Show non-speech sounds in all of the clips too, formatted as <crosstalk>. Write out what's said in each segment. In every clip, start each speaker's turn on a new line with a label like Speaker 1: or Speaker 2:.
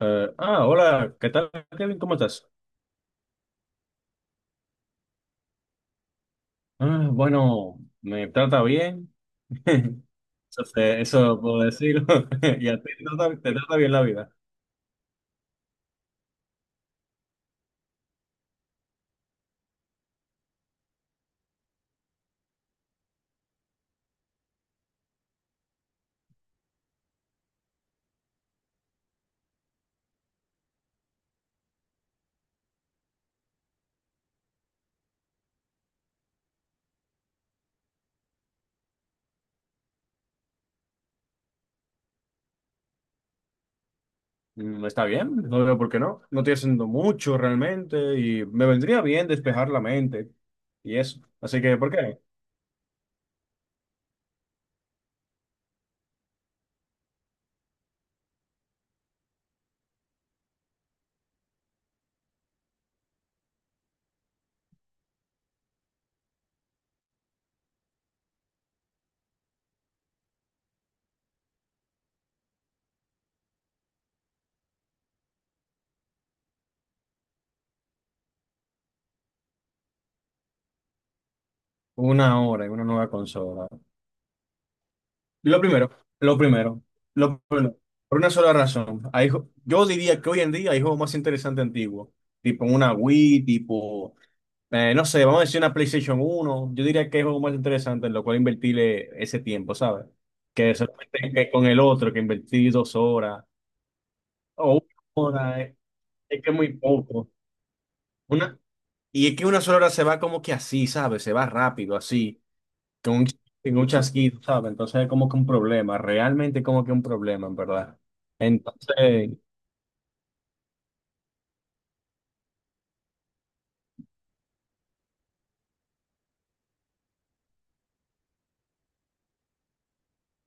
Speaker 1: Hola, ¿qué tal, Kevin? ¿Cómo estás? Bueno, me trata bien. <laughs> Eso, eso puedo decirlo. <laughs> Y a ti te trata bien la vida. Está bien, no veo por qué no. No estoy haciendo mucho realmente y me vendría bien despejar la mente y eso. Así que, ¿por qué? Una hora y una nueva consola. Lo primero, lo primero, lo primero. Por una sola razón. Yo diría que hoy en día hay juegos más interesantes antiguos. Tipo una Wii, tipo, no sé, vamos a decir una PlayStation uno. Yo diría que es algo más interesante en lo cual invertirle ese tiempo, ¿sabes? Que solamente que con el otro, que invertí dos horas o una hora, es, que es muy poco. Una, y es que una sola hora se va como que así, ¿sabes? Se va rápido, así, con un, con un chasquido, ¿sabes? Entonces es como que un problema, realmente como que un problema, en verdad. Entonces,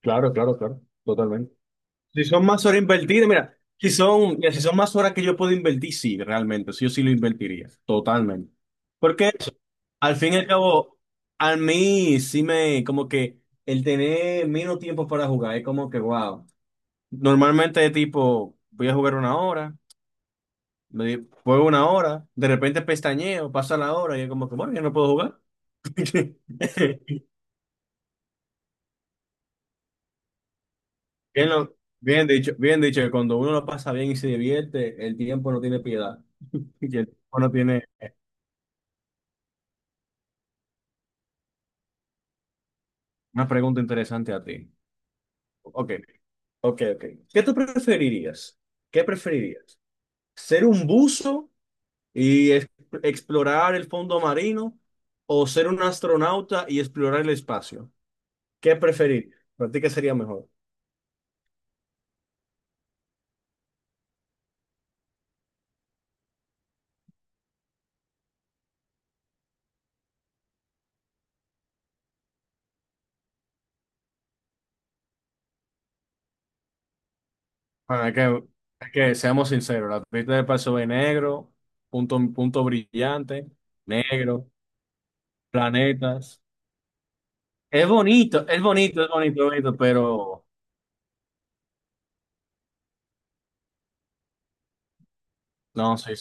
Speaker 1: claro, claro, claro, totalmente. Si son más horas invertidas, mira, si son más horas que yo puedo invertir, sí, realmente, sí, yo sí lo invertiría, totalmente. Porque eso, al fin y al cabo, a mí sí me, como que el tener menos tiempo para jugar, es como que, wow. Normalmente tipo, voy a jugar una hora, me juego una hora, de repente pestañeo, pasa la hora y es como que, bueno, ya no puedo jugar. <laughs> Bien, bien dicho, que cuando uno lo pasa bien y se divierte, el tiempo no tiene piedad. <laughs> Y el tiempo no tiene. Una pregunta interesante a ti. Ok, ok, ok. ¿Qué tú preferirías? ¿Qué preferirías? ¿Ser un buzo y explorar el fondo marino o ser un astronauta y explorar el espacio? ¿Qué preferirías? ¿Para ti qué sería mejor? Ah, es que, es que seamos sinceros, la pista del paso es negro, punto, punto brillante, negro, planetas. Es bonito, es bonito, es bonito, bonito, pero no, sí.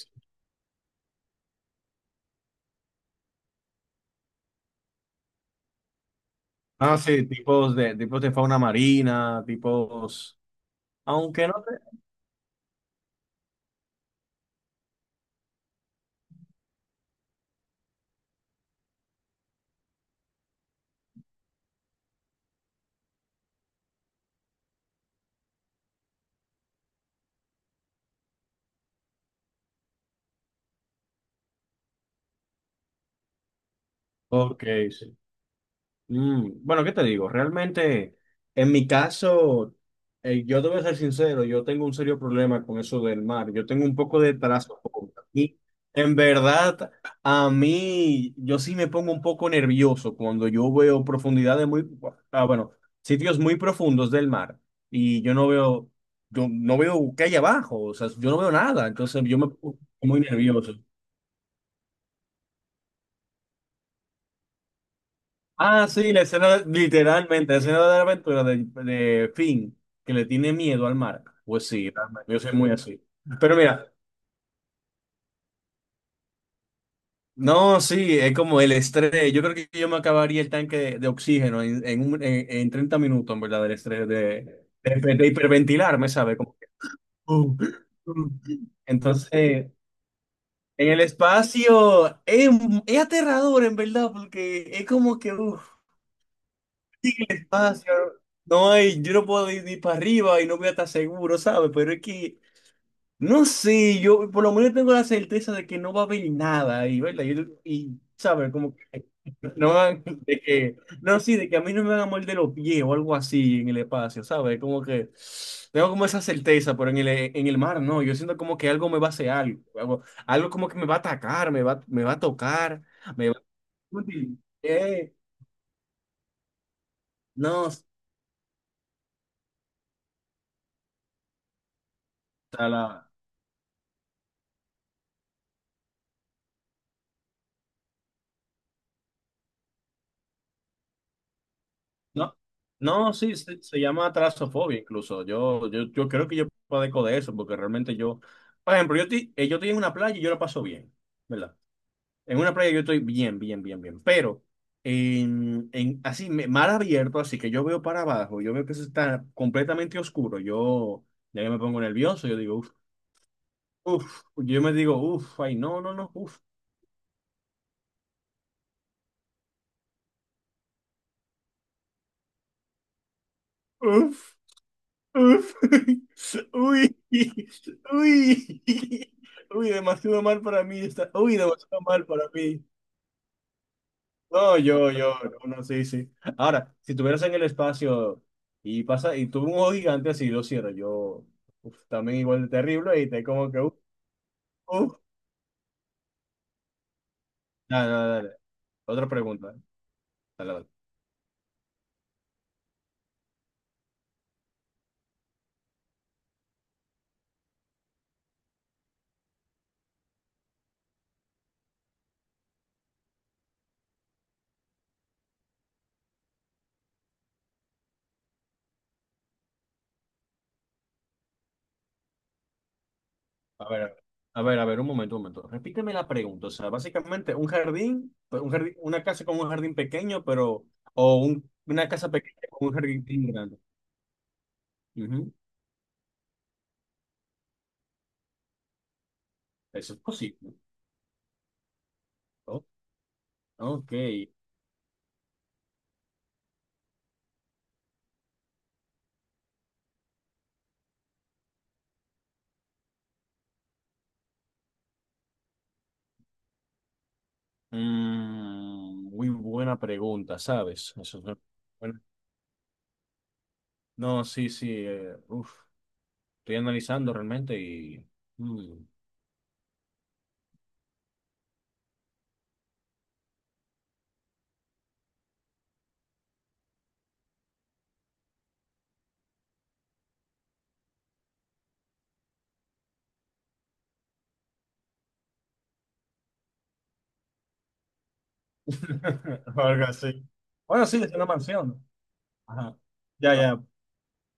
Speaker 1: Sí, tipos de fauna marina, tipos, aunque no te. Ok, sí. Bueno, ¿qué te digo? Realmente, en mi caso, yo debo ser sincero, yo tengo un serio problema con eso del mar. Yo tengo un poco de trasfondo. Y en verdad, a mí, yo sí me pongo un poco nervioso cuando yo veo profundidades muy, bueno, sitios muy profundos del mar y yo no veo qué hay abajo, o sea, yo no veo nada, entonces yo me pongo muy nervioso. Ah, sí, la escena, literalmente, la escena de la aventura de Finn, que le tiene miedo al mar. Pues sí, realmente, yo soy muy así. Pero mira, no, sí, es como el estrés. Yo creo que yo me acabaría el tanque de oxígeno en 30 minutos, en verdad, del estrés, de hiperventilarme, ¿sabes? Como que, uh, uh. Entonces, en el espacio es aterrador, en verdad, porque es como que, uff. Ah, sí, claro. No hay, yo no puedo ir ni para arriba y no voy a estar seguro, ¿sabes? Pero es que, no sé, yo por lo menos tengo la certeza de que no va a haber nada y ¿verdad? Y, ¿sabes? Como que no van, <laughs> de que, no, sí, de que a mí no me van a morder los pies o algo así en el espacio, ¿sabes? Como que tengo como esa certeza, pero en el mar no, yo siento como que algo me va a hacer algo, algo, algo como que me va a atacar, me va a tocar, me va a... Eh, no, está la... No, no, sí, se llama trasofobia incluso. Yo creo que yo padezco de eso, porque realmente yo, por ejemplo, yo estoy en una playa y yo la paso bien, ¿verdad? En una playa yo estoy bien, bien, bien, bien, pero en así, mar abierto, así que yo veo para abajo, yo veo que eso está completamente oscuro, yo ya que me pongo nervioso, yo digo, uff, uff, yo me digo, uff, ay, no, no, no, uff. Uf, <laughs> uy, uy, uy, demasiado mal para mí está, uy, demasiado mal para mí. No, yo, no, no, sí, sí. Ahora, si tuvieras en el espacio y pasa, y tuve un ojo gigante así, lo cierro, yo, uf, también igual de terrible, y te como que, uf, uf. Nada, nada, dale. Otra pregunta. Dale, dale. A ver, a ver, a ver, un momento, un momento. Repíteme la pregunta. O sea, básicamente un jardín, pero un jardín, una casa con un jardín pequeño, pero, o una casa pequeña con un jardín grande. Ujú. Eso es posible. O- ok. Muy buena pregunta, ¿sabes? Eso es bueno, no, sí, sí. Uf, estoy analizando realmente y... Mm. <laughs> Algo así. Bueno, sí, es una mansión. Ajá. Ya, ya.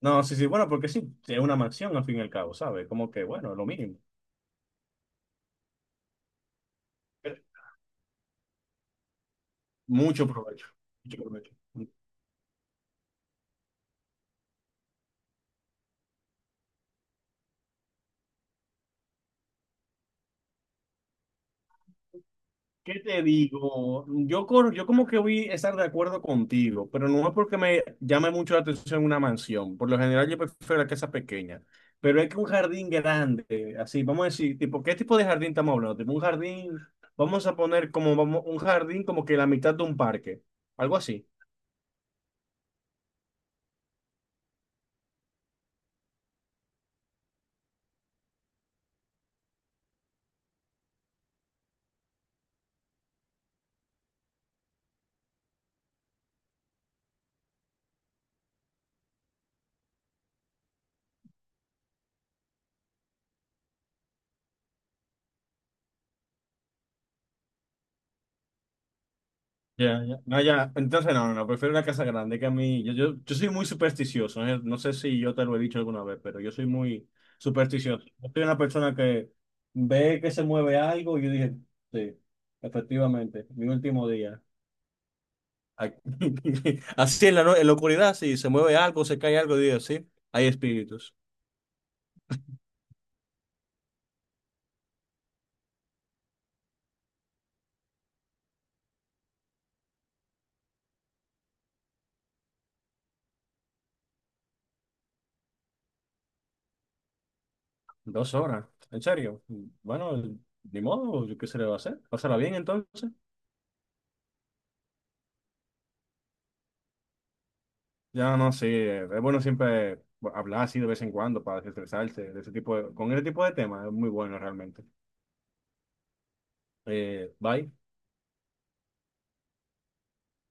Speaker 1: No, sí, sí, bueno, porque sí, es una mansión al fin y al cabo, ¿sabes? Como que, bueno, lo mínimo. Pero mucho provecho, mucho provecho. ¿Qué te digo? Yo como que voy a estar de acuerdo contigo, pero no es porque me llame mucho la atención una mansión. Por lo general yo prefiero la casa pequeña, pero es que un jardín grande, así, vamos a decir, tipo, ¿qué tipo de jardín estamos hablando? Tipo, un jardín, vamos a poner como vamos, un jardín como que la mitad de un parque, algo así. Ya, ya. No, ya. Entonces, no, no, no, prefiero una casa grande que a mí. Yo soy muy supersticioso. ¿Eh? No sé si yo te lo he dicho alguna vez, pero yo soy muy supersticioso. Yo soy una persona que ve que se mueve algo y yo dije, sí, efectivamente, mi último día. Aquí. <laughs> Así en la, en la oscuridad, si se mueve algo, se cae algo, digo, sí, hay espíritus. Dos horas, en serio. Bueno, ni modo, qué se le va a hacer. Pasará bien entonces. Ya no sé, es bueno siempre hablar así de vez en cuando para desestresarse de ese tipo de, con ese tipo de temas, es muy bueno realmente. Bye.